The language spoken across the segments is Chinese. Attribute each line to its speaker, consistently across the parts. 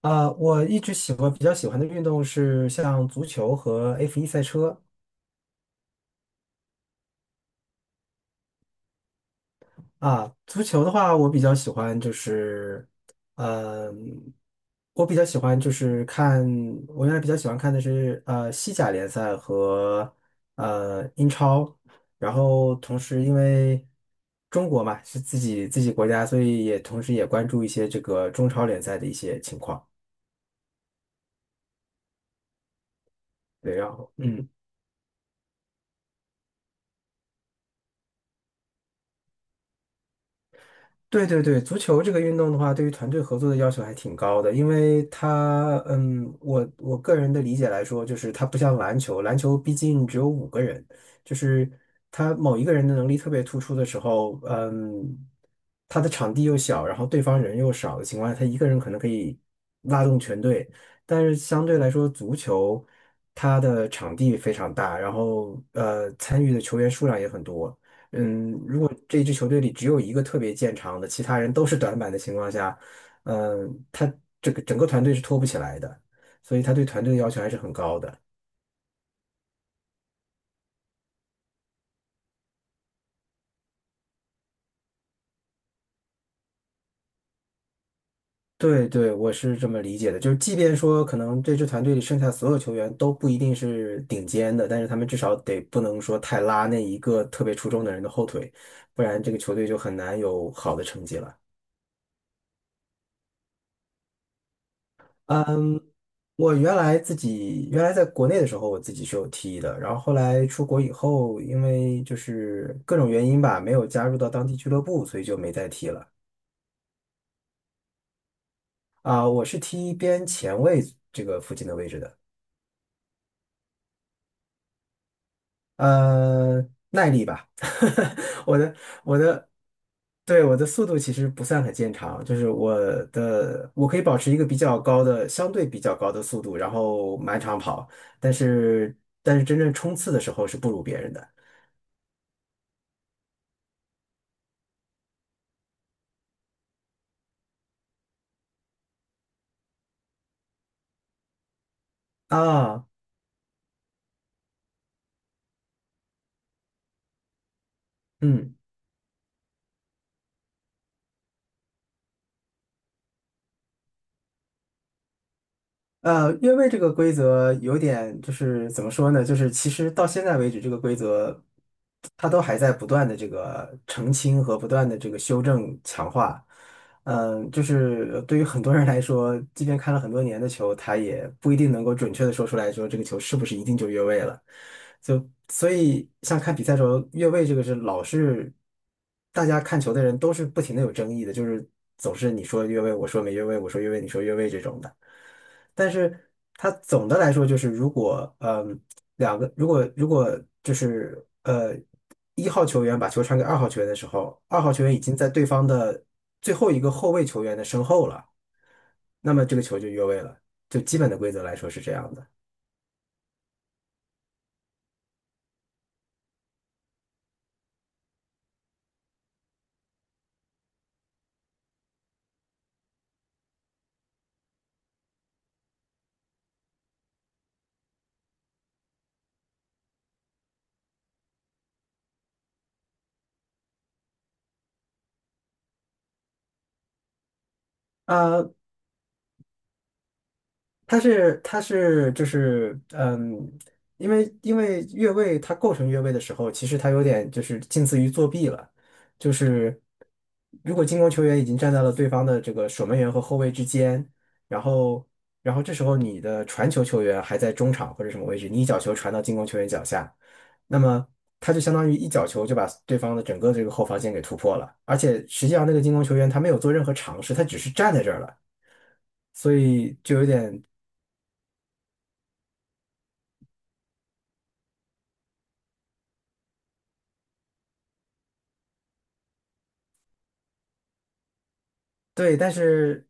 Speaker 1: 啊，我一直喜欢比较喜欢的运动是像足球和 F1 赛车啊。足球的话，嗯、我比较喜欢就是看，我原来比较喜欢看的是西甲联赛和英超，然后同时因为中国嘛是自己国家，所以也同时也关注一些这个中超联赛的一些情况。对，然后嗯。对对对，足球这个运动的话，对于团队合作的要求还挺高的，因为它，我个人的理解来说，就是它不像篮球，篮球毕竟只有五个人，就是他某一个人的能力特别突出的时候，他的场地又小，然后对方人又少的情况下，他一个人可能可以拉动全队，但是相对来说，足球它的场地非常大，然后参与的球员数量也很多。如果这支球队里只有一个特别见长的，其他人都是短板的情况下，嗯，他这个整个团队是拖不起来的，所以他对团队的要求还是很高的。对对，我是这么理解的，就是即便说可能这支团队里剩下所有球员都不一定是顶尖的，但是他们至少得不能说太拉那一个特别出众的人的后腿，不然这个球队就很难有好的成绩了。嗯，我自己原来在国内的时候，我自己是有踢的，然后后来出国以后，因为就是各种原因吧，没有加入到当地俱乐部，所以就没再踢了。啊、我是踢边前卫这个附近的位置的，呃，耐力吧，我的我的，对，我的速度其实不算很见长，就是我可以保持一个比较高的相对比较高的速度，然后满场跑。但是但是真正冲刺的时候是不如别人的。啊，嗯。越位这个规则有点就是怎么说呢？就是其实到现在为止，这个规则它都还在不断的这个澄清和不断的这个修正强化。嗯，就是对于很多人来说，即便看了很多年的球，他也不一定能够准确的说出来说这个球是不是一定就越位了。就所以像看比赛的时候，越位这个是老是大家看球的人都是不停的有争议的，就是总是你说越位，我说没越位，我说越位，你说越位这种的。但是它总的来说就是，如果嗯两个如果如果就是一号球员把球传给二号球员的时候，二号球员已经在对方的最后一个后卫球员的身后了，那么这个球就越位了。就基本的规则来说是这样的。啊。它是就是因为越位它构成越位的时候，其实它有点就是近似于作弊了，就是如果进攻球员已经站在了对方的这个守门员和后卫之间，然后然后这时候你的传球球员还在中场或者什么位置，你一脚球传到进攻球员脚下，那么他就相当于一脚球就把对方的整个这个后防线给突破了，而且实际上那个进攻球员他没有做任何尝试，他只是站在这儿了。所以就有点对，但是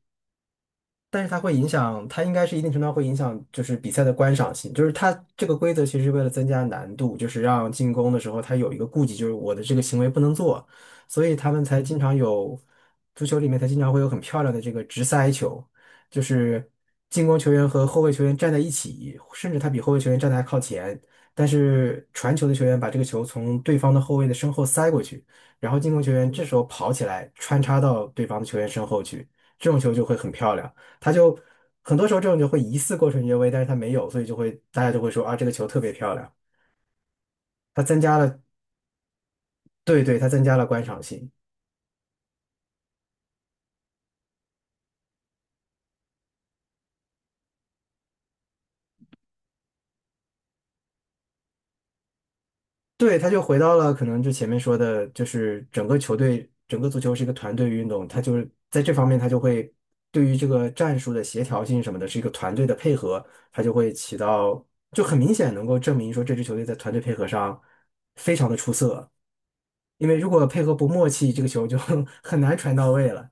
Speaker 1: 但是它会影响，它应该是一定程度上会影响，就是比赛的观赏性。就是它这个规则其实是为了增加难度，就是让进攻的时候它有一个顾忌，就是我的这个行为不能做，所以他们才经常有足球里面才经常会有很漂亮的这个直塞球，就是进攻球员和后卫球员站在一起，甚至他比后卫球员站得还靠前，但是传球的球员把这个球从对方的后卫的身后塞过去，然后进攻球员这时候跑起来穿插到对方的球员身后去，这种球就会很漂亮。他就很多时候这种就会疑似过纯越位，但是他没有，所以就会大家就会说啊，这个球特别漂亮，他增加了，对对，他增加了观赏性，对，他就回到了可能就前面说的，就是整个球队，整个足球是一个团队运动，他就是在这方面他就会对于这个战术的协调性什么的，是一个团队的配合，他就会起到就很明显能够证明说这支球队在团队配合上非常的出色，因为如果配合不默契，这个球就 很难传到位了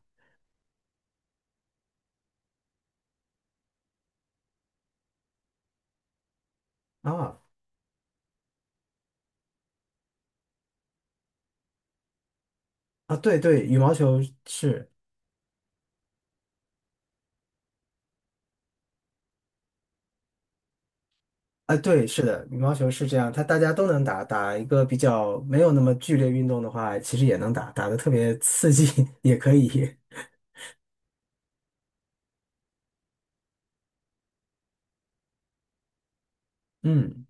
Speaker 1: 啊。啊，对对，羽毛球是，啊，对，是的，羽毛球是这样，它大家都能打，打一个比较没有那么剧烈运动的话，其实也能打，打的特别刺激 也可以。嗯，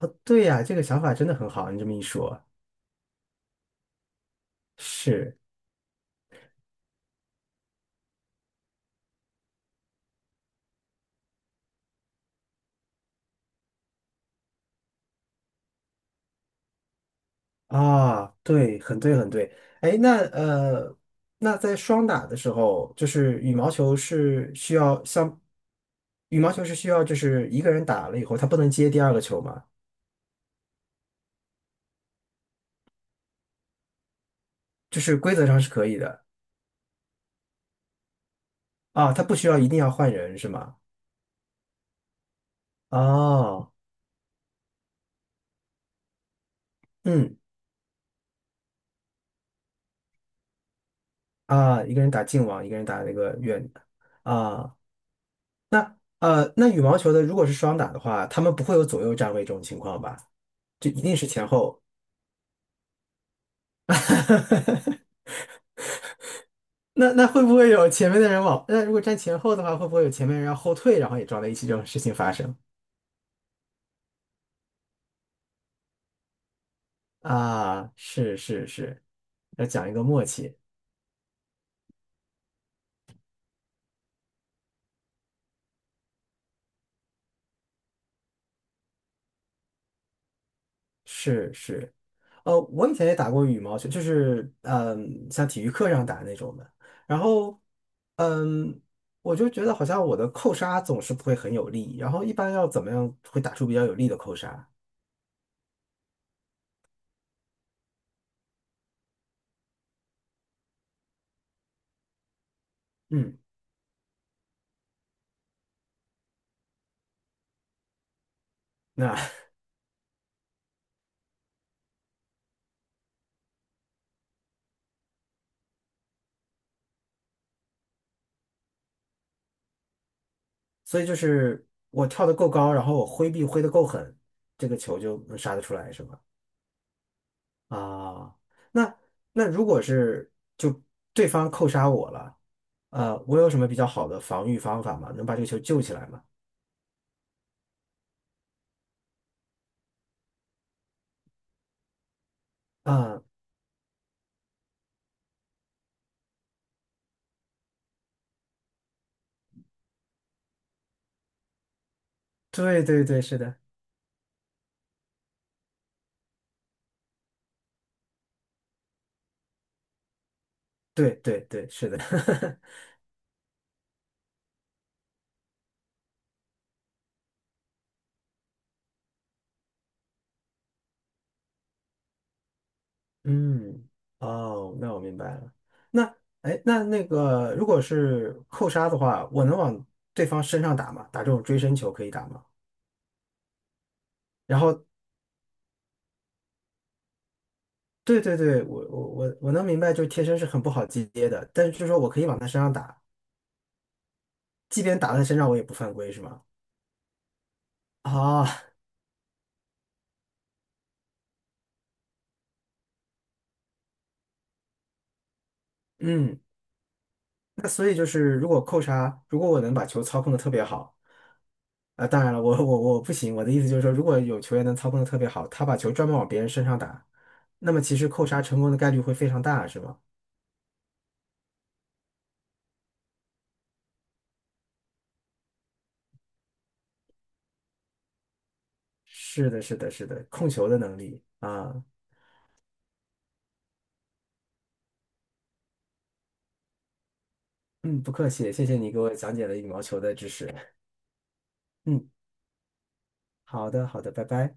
Speaker 1: 哦，对呀，这个想法真的很好，你这么一说，是啊，对，很对，很对。哎，那那在双打的时候，就是羽毛球是需要就是一个人打了以后，他不能接第二个球吗？就是规则上是可以的。啊，他不需要一定要换人是吗？哦，嗯，啊，一个人打近网，一个人打那个远的啊，那那羽毛球的如果是双打的话，他们不会有左右站位这种情况吧？就一定是前后。那会不会有前面的人往？那如果站前后的话，会不会有前面人要后退，然后也撞在一起这种事情发生？啊，是是是，要讲一个默契。是是，我以前也打过羽毛球，就是像体育课上打那种的。然后，嗯，我就觉得好像我的扣杀总是不会很有力，然后一般要怎么样会打出比较有力的扣杀？嗯，那 所以就是我跳得够高，然后我挥臂挥得够狠，这个球就能杀得出来，是吗？啊，那那如果对方扣杀我了，我有什么比较好的防御方法吗？能把这个球救起来吗？啊、对对对，是的，对对对，是的，嗯，哦，那我明白了。那哎，那个如果是扣杀的话，我能往对方身上打吗？打这种追身球可以打吗？然后，对对对，我能明白，就是贴身是很不好接的，但是就是说我可以往他身上打，即便打在身上，我也不犯规，是吗？啊、嗯那所以就是，如果扣杀，如果我能把球操控的特别好，啊，当然了，我不行。我的意思就是说，如果有球员能操控的特别好，他把球专门往别人身上打，那么其实扣杀成功的概率会非常大，是吗？是的，是的，是的，控球的能力啊，嗯，不客气，谢谢你给我讲解了羽毛球的知识。嗯，好的，好的，拜拜。